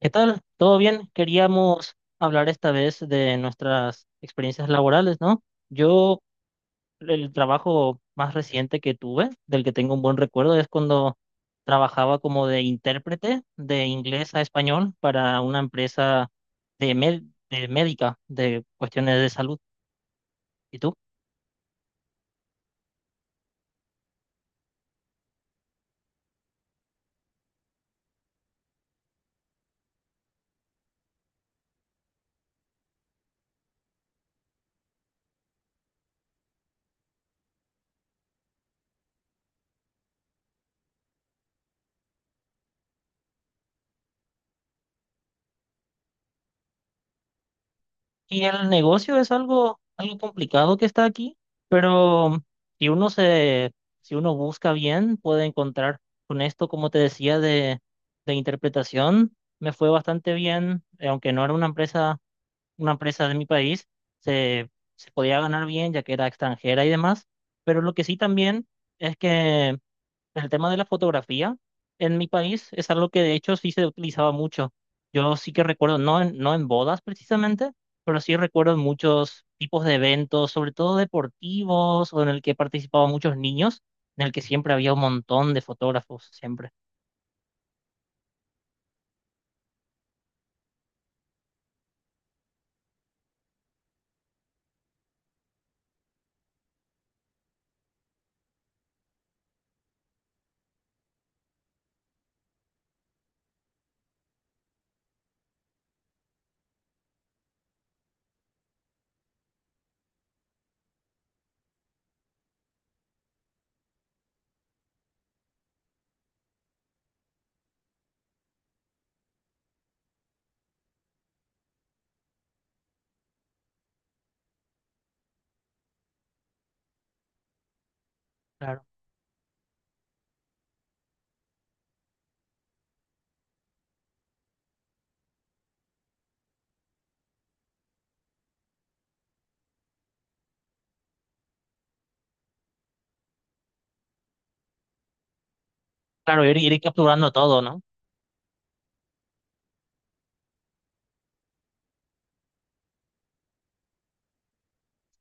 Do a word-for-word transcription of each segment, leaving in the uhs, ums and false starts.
¿Qué tal? ¿Todo bien? Queríamos hablar esta vez de nuestras experiencias laborales, ¿no? Yo, el trabajo más reciente que tuve, del que tengo un buen recuerdo, es cuando trabajaba como de intérprete de inglés a español para una empresa de, med- de médica, de cuestiones de salud. ¿Y tú? Y el negocio es algo, algo complicado que está aquí, pero si uno se, si uno busca bien, puede encontrar con esto, como te decía, de, de interpretación, me fue bastante bien, eh, aunque no era una empresa, una empresa de mi país, se, se podía ganar bien ya que era extranjera y demás, pero lo que sí también es que el tema de la fotografía en mi país es algo que de hecho sí se utilizaba mucho. Yo sí que recuerdo, no en, no en bodas precisamente, pero sí recuerdo muchos tipos de eventos, sobre todo deportivos, o en el que participaban muchos niños, en el que siempre había un montón de fotógrafos, siempre. Claro, claro, ir, ir capturando todo, ¿no?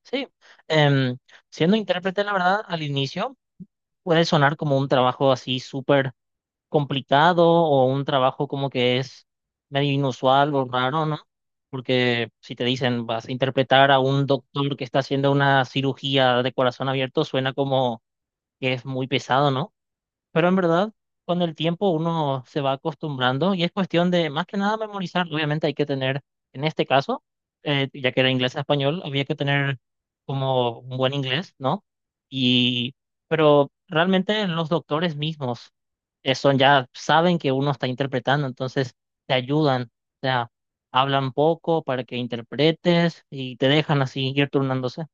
Sí. Em, Siendo intérprete, la verdad, al inicio puede sonar como un trabajo así súper complicado o un trabajo como que es medio inusual o raro, ¿no? Porque si te dicen vas a interpretar a un doctor que está haciendo una cirugía de corazón abierto, suena como que es muy pesado, ¿no? Pero en verdad, con el tiempo uno se va acostumbrando y es cuestión de más que nada memorizar. Obviamente hay que tener, en este caso, eh, ya que era inglés a español, había que tener como un buen inglés, ¿no? Y, pero realmente los doctores mismos eh, son ya, saben que uno está interpretando, entonces te ayudan, o sea, hablan poco para que interpretes y te dejan así ir turnándose.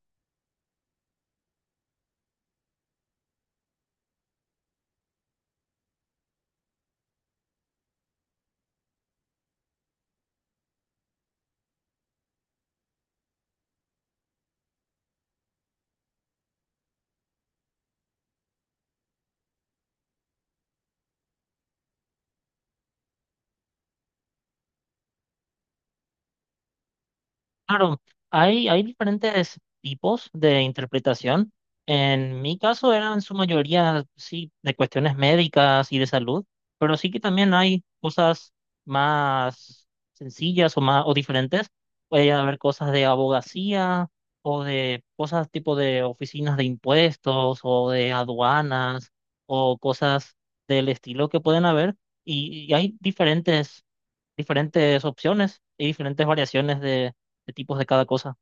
Claro, hay, hay diferentes tipos de interpretación. En mi caso eran en su mayoría, sí, de cuestiones médicas y de salud, pero sí que también hay cosas más sencillas o más o diferentes. Puede haber cosas de abogacía o de cosas tipo de oficinas de impuestos o de aduanas o cosas del estilo que pueden haber. Y, y hay diferentes diferentes opciones y diferentes variaciones de, de tipos de cada cosa.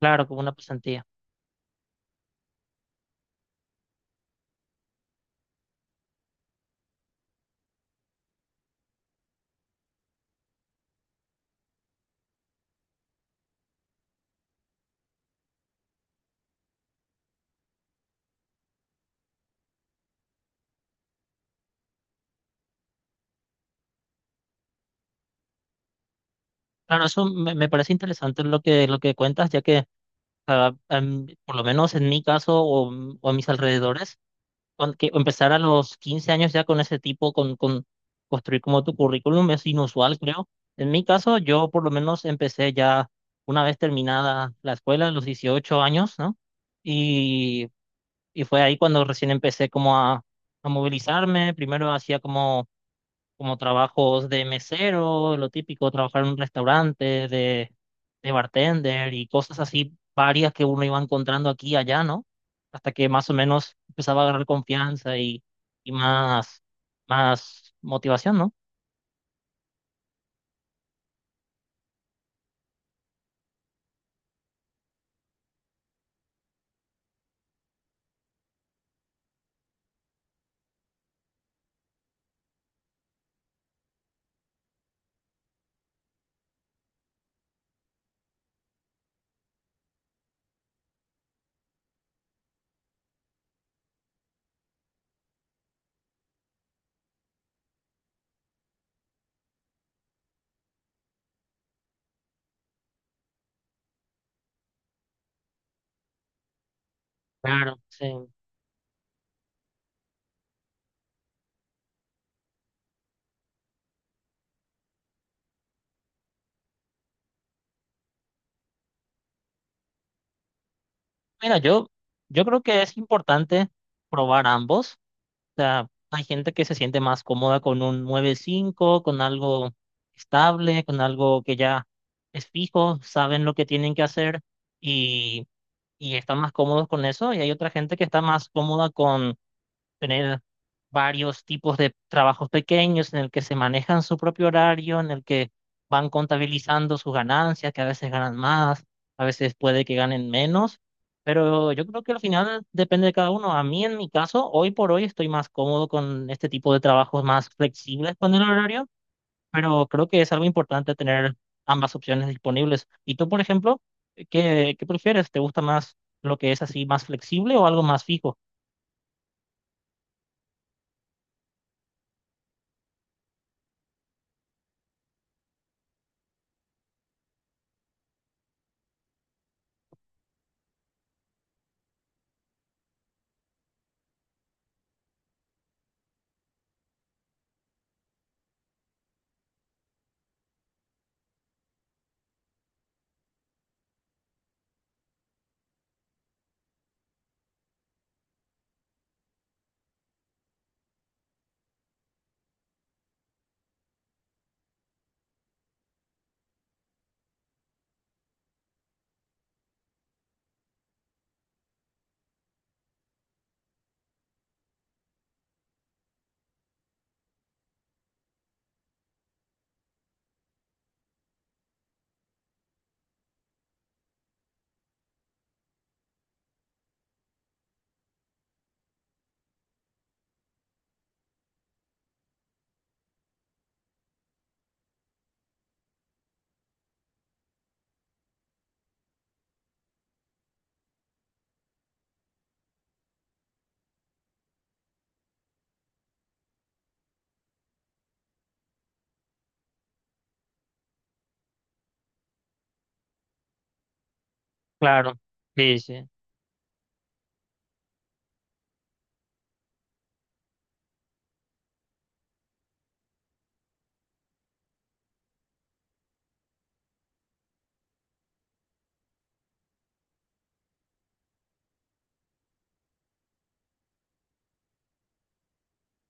Claro, como una pasantía. Claro, eso me, me parece interesante lo que, lo que cuentas, ya que ah, em, por lo menos en mi caso o, m- o a mis alrededores, con que empezar a los quince años ya con ese tipo, con, con construir como tu currículum es inusual, creo. En mi caso, yo por lo menos empecé ya una vez terminada la escuela, a los dieciocho años, ¿no? y Y fue ahí cuando recién empecé como a, a movilizarme. Primero hacía como, como trabajos de mesero, lo típico, trabajar en un restaurante, de, de bartender y cosas así varias que uno iba encontrando aquí y allá, ¿no? Hasta que más o menos empezaba a agarrar confianza y, y más, más motivación, ¿no? Claro, sí. Mira, yo, yo creo que es importante probar ambos. O sea, hay gente que se siente más cómoda con un nueve cinco con algo estable, con algo que ya es fijo, saben lo que tienen que hacer y, y están más cómodos con eso. Y hay otra gente que está más cómoda con tener varios tipos de trabajos pequeños en el que se manejan su propio horario, en el que van contabilizando sus ganancias, que a veces ganan más, a veces puede que ganen menos, pero yo creo que al final depende de cada uno. A mí, en mi caso, hoy por hoy estoy más cómodo con este tipo de trabajos más flexibles con el horario, pero creo que es algo importante tener ambas opciones disponibles. ¿Y tú, por ejemplo, qué, qué prefieres? ¿Te gusta más lo que es así más flexible o algo más fijo? Claro. Sí, sí.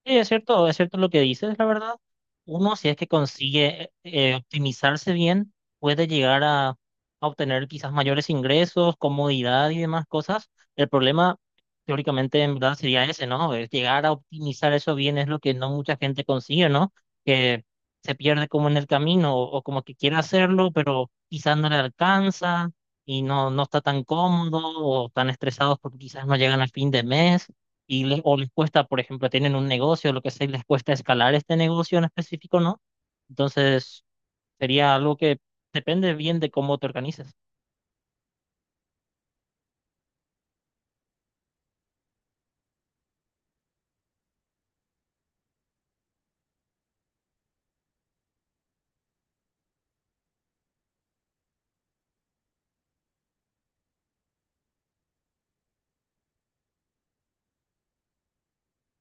Sí, es cierto, es cierto lo que dices, la verdad. Uno, si es que consigue eh, optimizarse bien, puede llegar a, a obtener quizás mayores ingresos, comodidad y demás cosas. El problema, teóricamente, en verdad sería ese, ¿no? Es llegar a optimizar eso bien es lo que no mucha gente consigue, ¿no? Que se pierde como en el camino o, o como que quiere hacerlo, pero quizás no le alcanza y no, no está tan cómodo o tan estresados porque quizás no llegan al fin de mes y les, o les cuesta, por ejemplo, tienen un negocio, lo que sea, y les cuesta escalar este negocio en específico, ¿no? Entonces, sería algo que depende bien de cómo te organizas.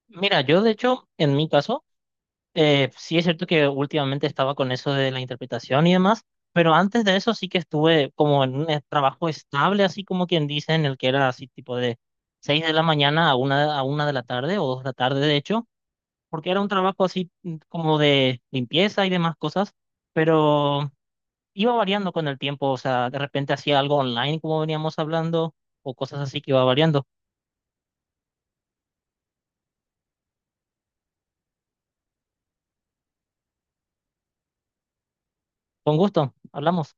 Mira, yo de hecho, en mi caso, eh, sí es cierto que últimamente estaba con eso de la interpretación y demás, pero antes de eso sí que estuve como en un eh, trabajo estable, así como quien dice, en el que era así tipo de seis de la mañana a una, a una de la tarde o dos de la tarde, de hecho, porque era un trabajo así mm, como de limpieza y demás cosas, pero iba variando con el tiempo, o sea, de repente hacía algo online como veníamos hablando o cosas así que iba variando. Con gusto, hablamos.